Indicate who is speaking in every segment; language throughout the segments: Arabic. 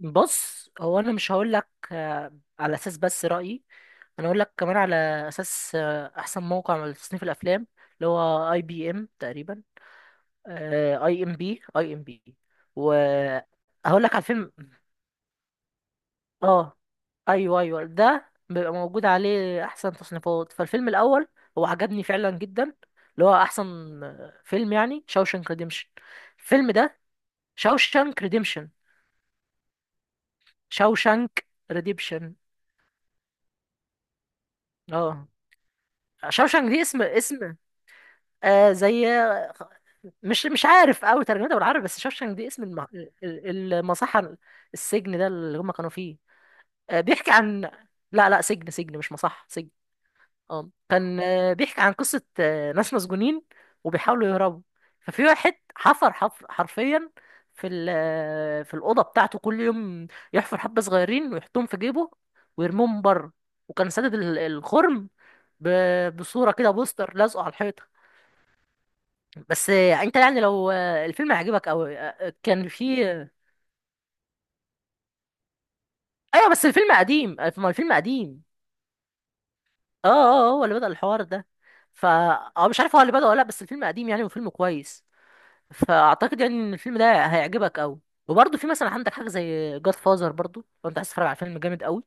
Speaker 1: بص، هو انا مش هقول لك على اساس بس رايي. انا هقول لك كمان على اساس احسن موقع لتصنيف الافلام، اللي هو اي بي ام تقريبا، اي ام بي، وهقول لك على الفيلم. اه، ايوه ايوه، ده بيبقى موجود عليه احسن تصنيفات. فالفيلم الاول هو عجبني فعلا جدا، اللي هو احسن فيلم، يعني شاوشانك ريديمشن. الفيلم ده شاوشانك ريديمشن. شاوشانك ريديمشن. اه، شوشانك دي اسم زي، مش عارف قوي ترجمتها بالعربي، بس شوشانك دي اسم ال- المصحة، السجن ده اللي هم كانوا فيه. آه بيحكي عن لا لا، سجن سجن، مش مصحة، سجن. اه، كان بيحكي عن قصة ناس مسجونين، وبيحاولوا يهربوا. ففي واحد حفر حرفيا في ال... آه، في الأوضة بتاعته كل يوم يحفر حبة صغيرين، ويحطهم في جيبه، ويرميهم بره. وكان سادد الخرم ب... بصورة كده، بوستر لازقه على الحيطة. بس انت يعني لو الفيلم عجبك او كان فيه. ايوه، بس الفيلم قديم، ما الفيلم قديم. اه اه، هو اللي بدأ الحوار ده. فا اه، مش عارف هو اللي بدأ ولا لا، بس الفيلم قديم يعني، وفيلم كويس. فاعتقد يعني ان الفيلم ده هيعجبك قوي، وبرضه في مثلا عندك حاجه زي جاد فازر، برضه لو انت عايز تتفرج على فيلم جامد قوي.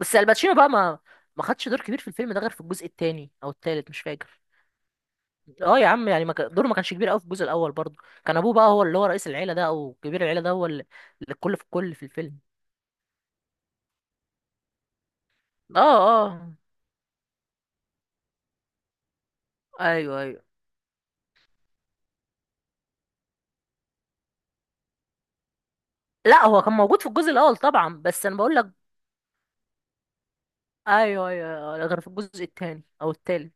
Speaker 1: بس الباتشينو بقى ما خدش دور كبير في الفيلم ده، غير في الجزء الثاني او الثالث، مش فاكر. اه يا عم، يعني ما كان- دوره ما كانش كبير قوي في الجزء الاول برضه. كان ابوه بقى هو اللي هو رئيس العيله ده، او كبير العيله ده، هو اللي الكل في الكل في الفيلم. اه اه، ايوه ايوه. لا، هو كان موجود في الجزء الاول طبعا، بس انا بقول لك، ايوه ايوه، غير في الجزء الثاني او الثالث.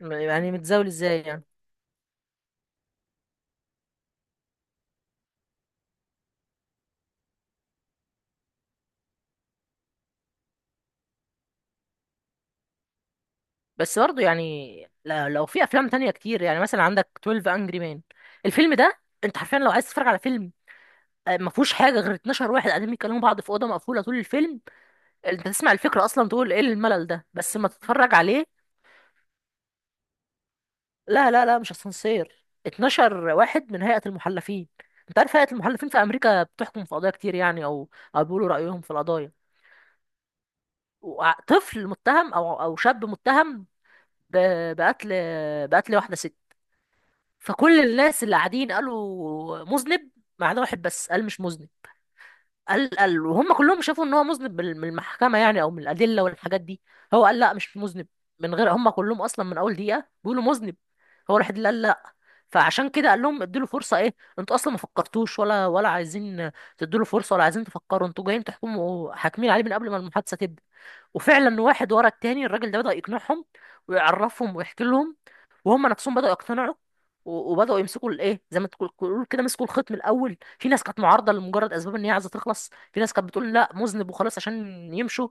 Speaker 1: يعني متزاول ازاي يعني؟ بس برضه يعني، لو في افلام تانية كتير يعني، مثلا عندك 12 انجري مان، الفيلم ده انت حرفيا لو عايز تتفرج على فيلم ما فيهوش حاجه غير 12 واحد قاعدين بيكلموا بعض في اوضه مقفوله طول الفيلم. انت تسمع الفكره اصلا تقول ايه الملل ده، بس ما تتفرج عليه. لا لا لا، مش اسانسير. 12 واحد من هيئة المحلفين. انت عارف هيئة المحلفين في امريكا بتحكم في قضايا كتير يعني، او بيقولوا رأيهم في القضايا. طفل متهم، او شاب متهم ب- بقتل بقتل واحدة ست. فكل الناس اللي قاعدين قالوا مذنب، ما عدا واحد بس قال مش مذنب. قال وهم كلهم شافوا ان هو مذنب من المحكمة يعني، او من الأدلة والحاجات دي. هو قال لا، مش مذنب. من غير هم كلهم اصلا من اول دقيقة بيقولوا مذنب، هو الوحيد اللي قال لا. فعشان كده قال لهم ادوا له فرصه. ايه، انتوا اصلا ما فكرتوش، ولا عايزين تدوا له فرصه، ولا عايزين تفكروا؟ انتوا جايين تحكموا، حاكمين عليه من قبل ما المحادثه تبدا. وفعلا واحد ورا التاني، الراجل ده بدا يقنعهم ويعرفهم ويحكي لهم، وهم نفسهم بداوا يقتنعوا. وبداوا يمسكوا الايه، زي ما تقول كده، مسكوا الخيط من الاول. في ناس كانت معارضه لمجرد اسباب ان هي عايزه تخلص، في ناس كانت بتقول لا مذنب وخلاص عشان يمشوا.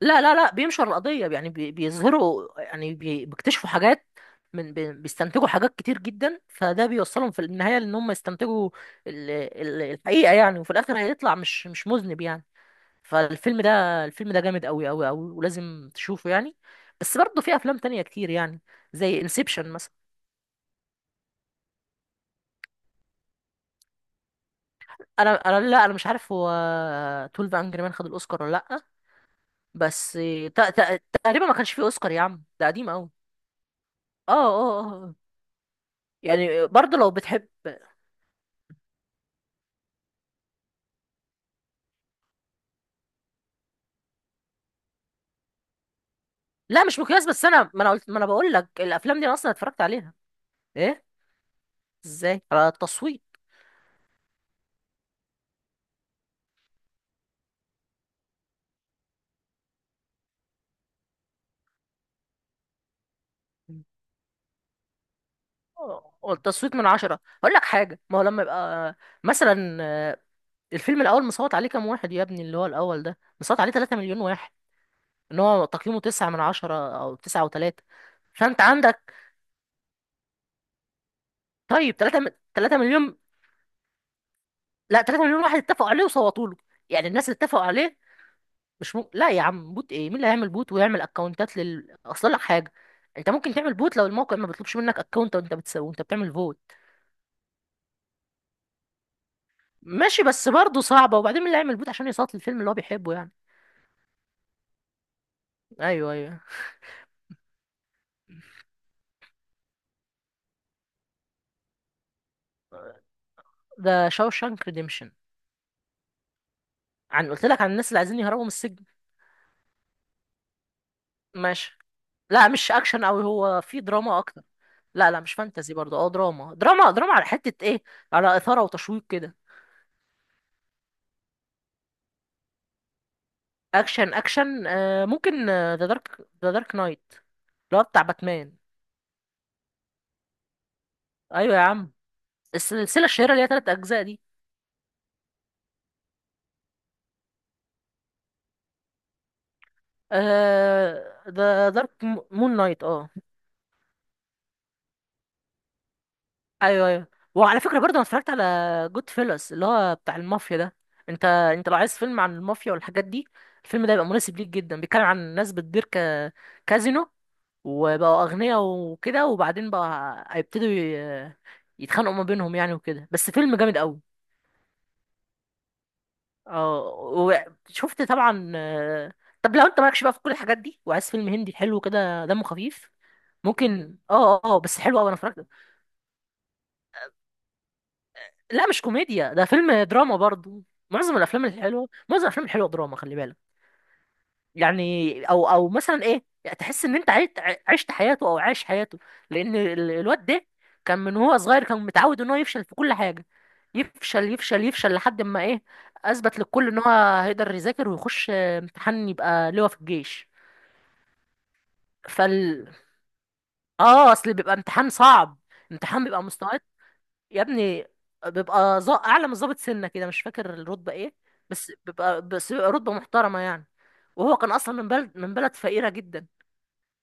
Speaker 1: لا لا لا، بينشر القضية يعني، بيظهروا يعني، بيكتشفوا حاجات، من بيستنتجوا حاجات كتير جدا. فده بيوصلهم في النهاية لأن هم يستنتجوا الحقيقة يعني، وفي الآخر هيطلع مش مذنب يعني. فالفيلم ده الفيلم ده جامد أوي أوي أوي، ولازم تشوفه يعني. بس برضه في أفلام تانية كتير يعني، زي انسبشن مثلا. أنا، لا، أنا مش عارف هو 12 أنجري مان خد الأوسكار ولا لأ. بس تقريبا ما كانش فيه أوسكار يا عم، ده قديم أوي. اه اه اه يعني برضه لو بتحب. لا مش مقياس، بس انا، ما انا قلت، ما انا بقول لك الافلام دي انا اصلا اتفرجت عليها. ايه، ازاي؟ على التصويت. التصويت من 10. هقول لك حاجة، ما هو لما يبقى مثلا الفيلم الأول مصوت عليه كام واحد يا ابني، اللي هو الأول ده مصوت عليه 3 مليون واحد، إن هو تقييمه 9 من 10، أو 9 و3، فأنت عندك. طيب 3، 3 مليون؟ لا، 3 مليون واحد اتفقوا عليه وصوتوا له، يعني الناس اللي اتفقوا عليه. مش م... لا يا عم، بوت ايه؟ مين اللي هيعمل بوت ويعمل اكونتات اصل لك حاجه. انت ممكن تعمل بوت لو الموقع ما بيطلبش منك اكونت، وانت بتسوي وانت بتعمل فوت. ماشي، بس برضه صعبه. وبعدين مين اللي هيعمل بوت عشان يصوت للفيلم اللي هو بيحبه يعني؟ ايوه ايوه، ده شاوشانك ريديمشن. عن، قلت لك، عن الناس اللي عايزين يهربوا من السجن. ماشي. لا مش اكشن قوي، هو في دراما اكتر. لا لا، مش فانتزي برضه. اه، دراما دراما دراما. على حته ايه؟ على اثاره وتشويق كده. اكشن اكشن. ممكن ذا دارك نايت، اللي هو بتاع باتمان. ايوه يا عم، السلسلة الشهيرة اللي هي تلات أجزاء دي. آه ذا دارك مون نايت. اه، أيوه أيوه. وعلى فكرة، برضه أنا اتفرجت على جود فيلس، اللي هو بتاع المافيا ده. أنت لو عايز فيلم عن المافيا والحاجات دي، الفيلم ده يبقى مناسب ليك جدا. بيتكلم عن ناس بتدير كازينو، وبقوا أغنياء وكده، وبعدين بقى هيبتدوا يتخانقوا ما بينهم يعني وكده. بس فيلم جامد أوي. اه، وشفت طبعا. طب لو انت مالكش بقى في كل الحاجات دي، وعايز فيلم هندي حلو كده دمه خفيف، ممكن. اه اه، بس حلو قوي، انا اتفرجت. لا مش كوميديا، ده فيلم دراما برضو. معظم الافلام الحلوه دراما، خلي بالك. يعني، او مثلا ايه، يعني تحس ان انت عشت حياته او عايش حياته. لان الواد ده كان من هو صغير كان متعود ان هو يفشل في كل حاجه. يفشل يفشل يفشل لحد ما ايه؟ اثبت للكل ان هو هيقدر يذاكر ويخش امتحان، يبقى لواء في الجيش. فال اه، اصل بيبقى امتحان صعب. امتحان بيبقى مستوى يا ابني، بيبقى اعلى من ظابط سنه كده، مش فاكر الرتبه ايه. بس بيبقى رتبه محترمه يعني. وهو كان اصلا من بلد فقيره جدا.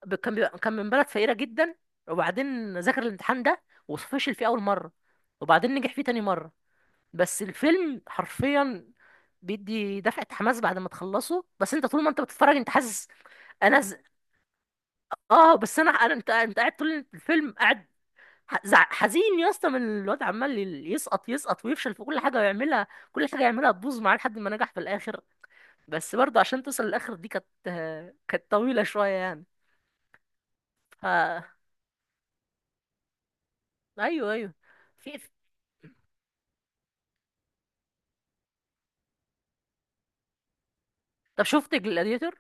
Speaker 1: كان من بلد فقيره جدا، وبعدين ذاكر الامتحان ده، وفشل فيه اول مره، وبعدين نجح فيه تاني مره. بس الفيلم حرفيا بيدي دفعه حماس بعد ما تخلصه، بس انت طول ما انت بتتفرج انت حاسس. انا ز... اه، بس انا انا انت قاعد طول الفيلم قاعد، حزين يا اسطى من الواد، عمال يسقط يسقط ويفشل في كل حاجه يعملها، كل حاجه يعملها تبوظ معاه لحد ما نجح في الاخر. بس برضه عشان توصل للاخر دي، كانت كانت طويله شويه يعني. ف ايوه ايوه. في في- طب شفت جلاديتور؟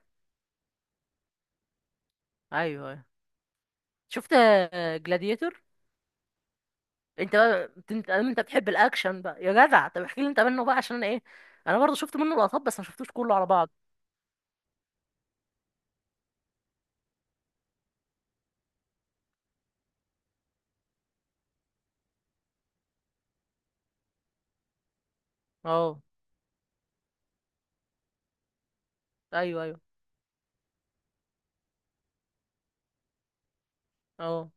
Speaker 1: ايوه ايوه، شفت جلاديتور. انت بقى انت بتحب الاكشن بقى يا جدع، طب احكي لي انت منه بقى عشان انا ايه. انا برضه شفت منه لقطات، بس ما شفتوش كله على بعض. اه ايوه ايوه اه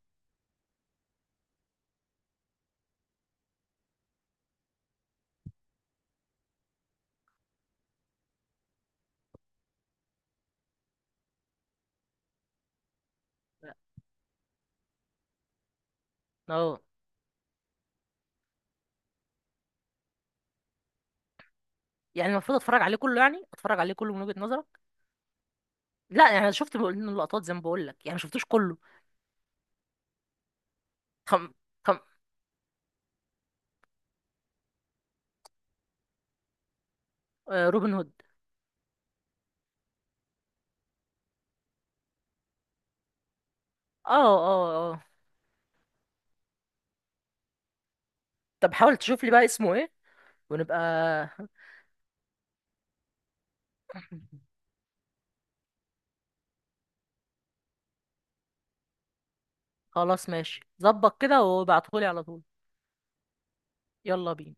Speaker 1: اه. يعني المفروض اتفرج عليه كله يعني، اتفرج عليه كله من وجهة نظرك؟ لا يعني، انا شفت منه لقطات زي ما بقول لك يعني، ما شفتوش كله. خم خم آه روبن هود. اه اه اه، طب حاول تشوف لي بقى اسمه ايه، ونبقى خلاص ماشي، ظبط كده وابعتهولي على طول. يلا بينا.